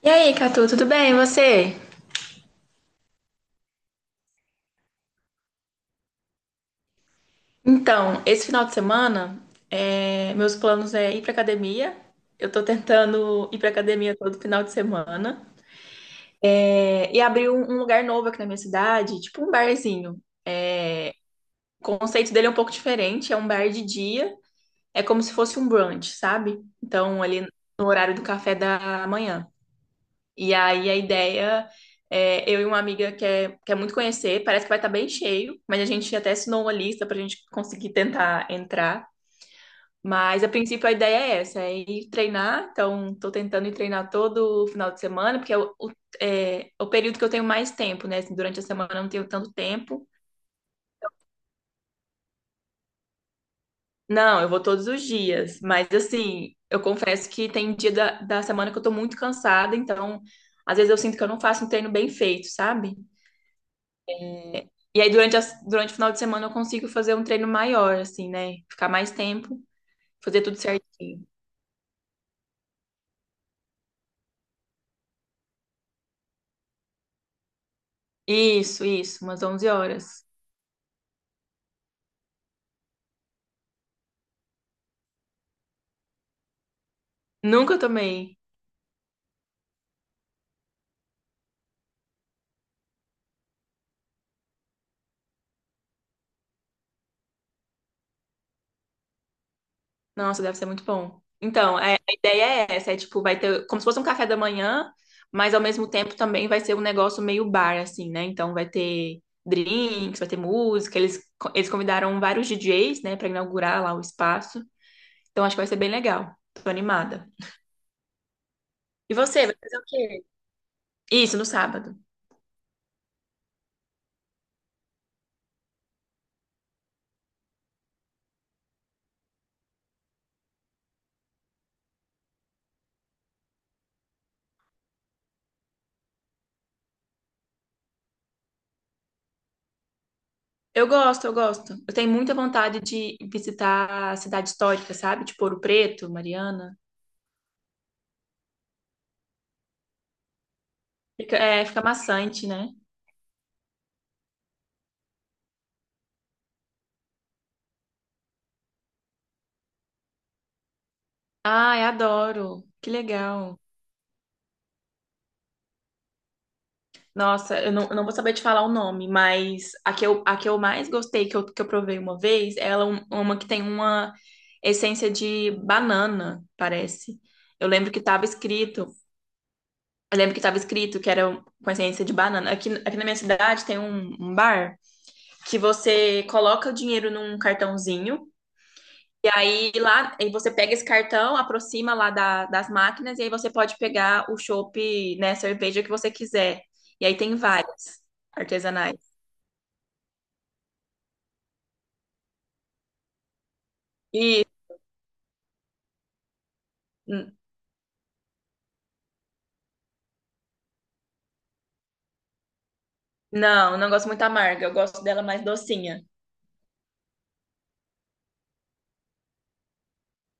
E aí, Catu, tudo bem? E você? Então, esse final de semana, meus planos é ir pra academia. Eu tô tentando ir pra academia todo final de semana. É, e abrir um lugar novo aqui na minha cidade, tipo um barzinho. O conceito dele é um pouco diferente, é um bar de dia. É como se fosse um brunch, sabe? Então, ali no horário do café da manhã. E aí a ideia é eu e uma amiga quer muito conhecer, parece que vai estar bem cheio, mas a gente até assinou uma lista pra gente conseguir tentar entrar. Mas a princípio a ideia é essa, é ir treinar. Então, estou tentando ir treinar todo final de semana, porque é o período que eu tenho mais tempo, né? Assim, durante a semana eu não tenho tanto tempo. Não, eu vou todos os dias, mas assim, eu confesso que tem dia da semana que eu tô muito cansada, então às vezes eu sinto que eu não faço um treino bem feito, sabe? E aí durante o final de semana eu consigo fazer um treino maior, assim, né? Ficar mais tempo, fazer tudo certinho. Isso, umas 11 horas. Nunca tomei. Nossa, deve ser muito bom. Então, a ideia é essa, é tipo, vai ter como se fosse um café da manhã, mas ao mesmo tempo também vai ser um negócio meio bar, assim, né? Então vai ter drinks, vai ter música, eles convidaram vários DJs, né, pra inaugurar lá o espaço. Então acho que vai ser bem legal. Tô animada. E você, vai fazer o quê? Isso, no sábado. Eu gosto, eu gosto. Eu tenho muita vontade de visitar a cidade histórica, sabe? Tipo Ouro Preto, Mariana. Fica, fica maçante, né? Ai, adoro. Que legal. Nossa, eu não vou saber te falar o nome, mas a que eu mais gostei, que eu provei uma vez, ela é uma que tem uma essência de banana, parece. Eu lembro que estava escrito, eu lembro que estava escrito que era um, com essência de banana. Aqui na minha cidade tem um bar que você coloca o dinheiro num cartãozinho, e aí lá, aí você pega esse cartão, aproxima lá das máquinas, e aí você pode pegar o chopp, né, cerveja que você quiser. E aí tem várias artesanais. E n- não, não gosto muito amarga, eu gosto dela mais docinha.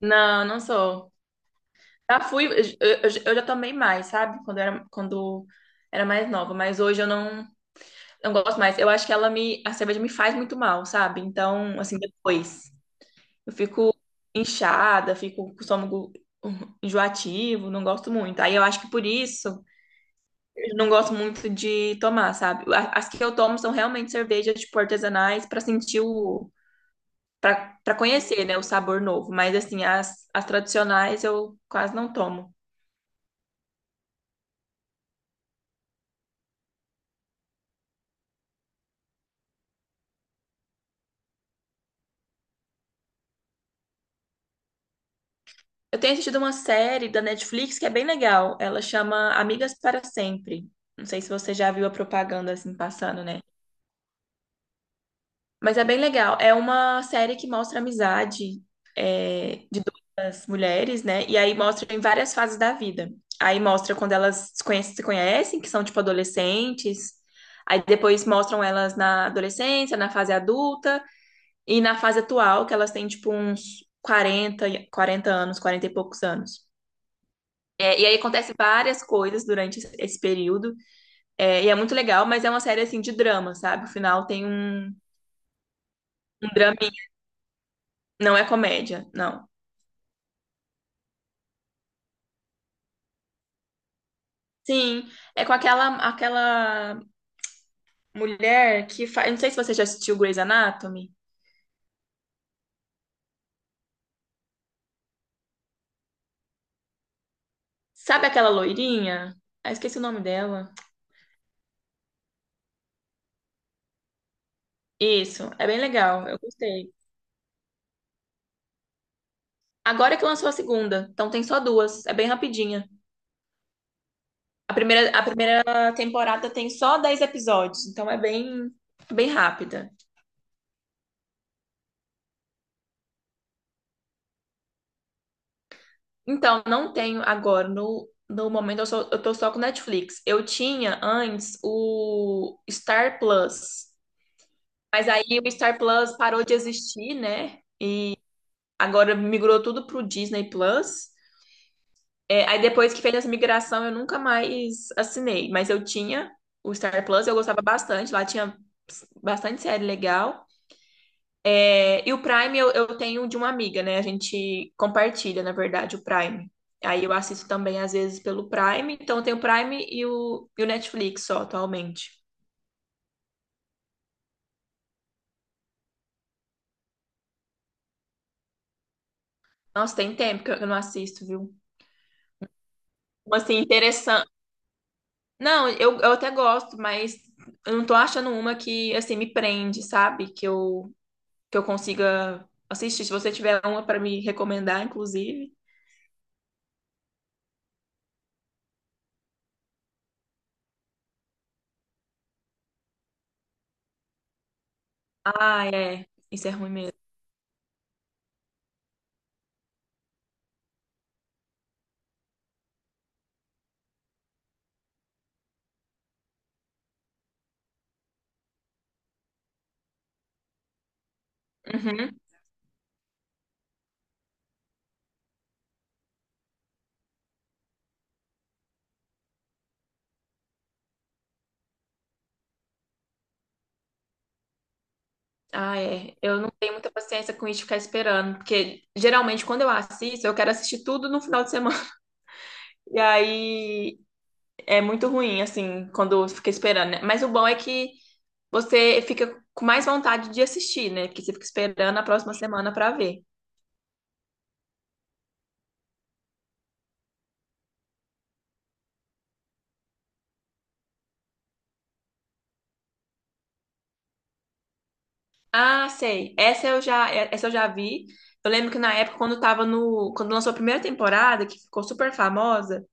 Não, não sou. Já fui, eu já tomei mais, sabe? Quando era mais nova, mas hoje eu não, não gosto mais. Eu acho que a cerveja me faz muito mal, sabe? Então, assim, depois eu fico inchada, fico com o estômago enjoativo, não gosto muito. Aí eu acho que por isso eu não gosto muito de tomar, sabe? As que eu tomo são realmente cervejas, tipo, artesanais, Pra para conhecer, né, o sabor novo. Mas, assim, as tradicionais eu quase não tomo. Eu tenho assistido uma série da Netflix que é bem legal. Ela chama Amigas para Sempre. Não sei se você já viu a propaganda assim passando, né? Mas é bem legal. É uma série que mostra a amizade de duas mulheres, né? E aí mostra em várias fases da vida. Aí mostra quando elas se conhecem, que são tipo adolescentes. Aí depois mostram elas na adolescência, na fase adulta. E na fase atual, que elas têm tipo uns quarenta anos, 40 e poucos anos. É, e aí acontece várias coisas durante esse período. É, e é muito legal, mas é uma série assim de drama, sabe? O final tem um, drama, não é comédia, não. Sim, é com aquela mulher que faz. Não sei se você já assistiu Grey's Anatomy. Sabe aquela loirinha? Ah, esqueci o nome dela. Isso, é bem legal, eu gostei. Agora que lançou a segunda, então tem só duas, é bem rapidinha. A primeira temporada tem só 10 episódios, então é bem, bem rápida. Então, não tenho agora, no momento eu, só, eu tô só com Netflix. Eu tinha antes o Star Plus, mas aí o Star Plus parou de existir, né? Agora migrou tudo pro Disney Plus. É, aí depois que fez essa migração, eu nunca mais assinei, mas eu tinha o Star Plus, eu gostava bastante, lá tinha bastante série legal. É, e o Prime eu tenho de uma amiga, né? A gente compartilha, na verdade, o Prime. Aí eu assisto também, às vezes, pelo Prime. Então eu tenho o Prime e o Netflix só, atualmente. Nossa, tem tempo que eu não assisto, viu? Uma, assim, interessante. Não, eu até gosto, mas eu não tô achando uma que, assim, me prende, sabe? Que eu consiga assistir. Se você tiver uma pra me recomendar, inclusive. Ah, é. Isso é ruim mesmo. Uhum. Ah, é. Eu não tenho muita paciência com isso de ficar esperando, porque geralmente quando eu assisto, eu quero assistir tudo no final de semana. E aí é muito ruim, assim, quando fica esperando, né? Mas o bom é que você fica com mais vontade de assistir, né? Porque você fica esperando a próxima semana pra ver. Ah, sei. Essa eu já vi. Eu lembro que na época, quando tava no, quando lançou a primeira temporada, que ficou super famosa,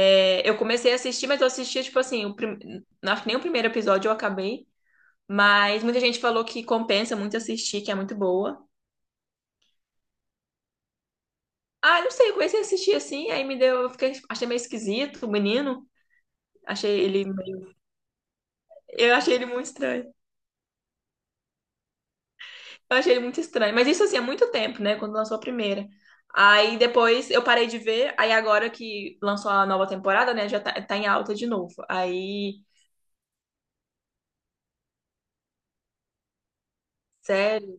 eu comecei a assistir, mas eu assistia, tipo assim, acho que nem o primeiro episódio eu acabei. Mas muita gente falou que compensa muito assistir, que é muito boa. Ah, não sei, eu comecei a assistir assim, aí me deu, eu fiquei, achei meio esquisito o menino. Achei ele, meio- eu achei ele muito estranho. Eu achei ele muito estranho. Mas isso assim, há muito tempo, né? Quando lançou a primeira. Aí depois eu parei de ver, aí agora que lançou a nova temporada, né? Já tá em alta de novo. Aí, sério,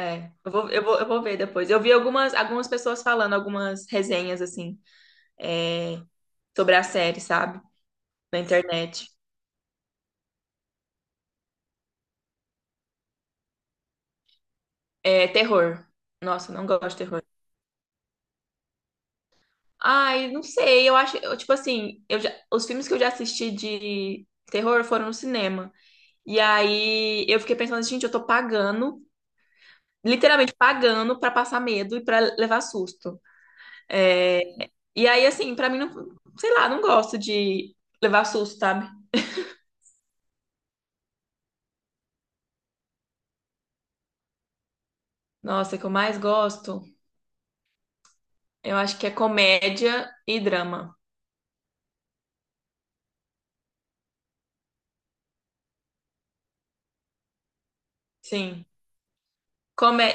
é. Eu vou ver depois. Eu vi algumas pessoas falando, algumas resenhas, assim, é, sobre a série, sabe? Na internet. É, terror. Nossa, não gosto de terror. Ai, não sei, eu acho, eu, tipo assim, os filmes que eu já assisti de terror foram no cinema. E aí eu fiquei pensando, gente, eu tô pagando, literalmente pagando pra passar medo e pra levar susto. É, e aí, assim, pra mim, não, sei lá, não gosto de levar susto, sabe? Nossa, o que eu mais gosto, eu acho que é comédia e drama. Sim. Comé...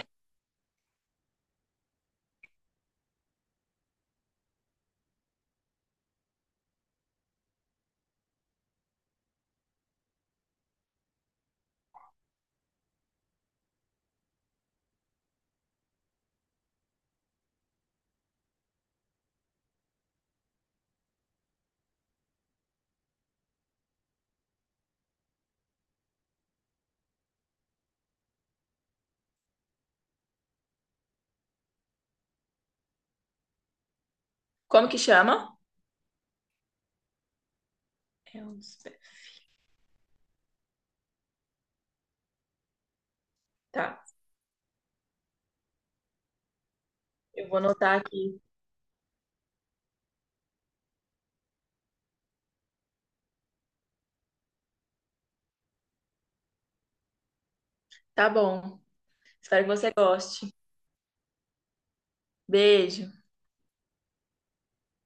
Como que chama? É um... Tá, eu vou anotar aqui. Tá bom. Espero que você goste. Beijo.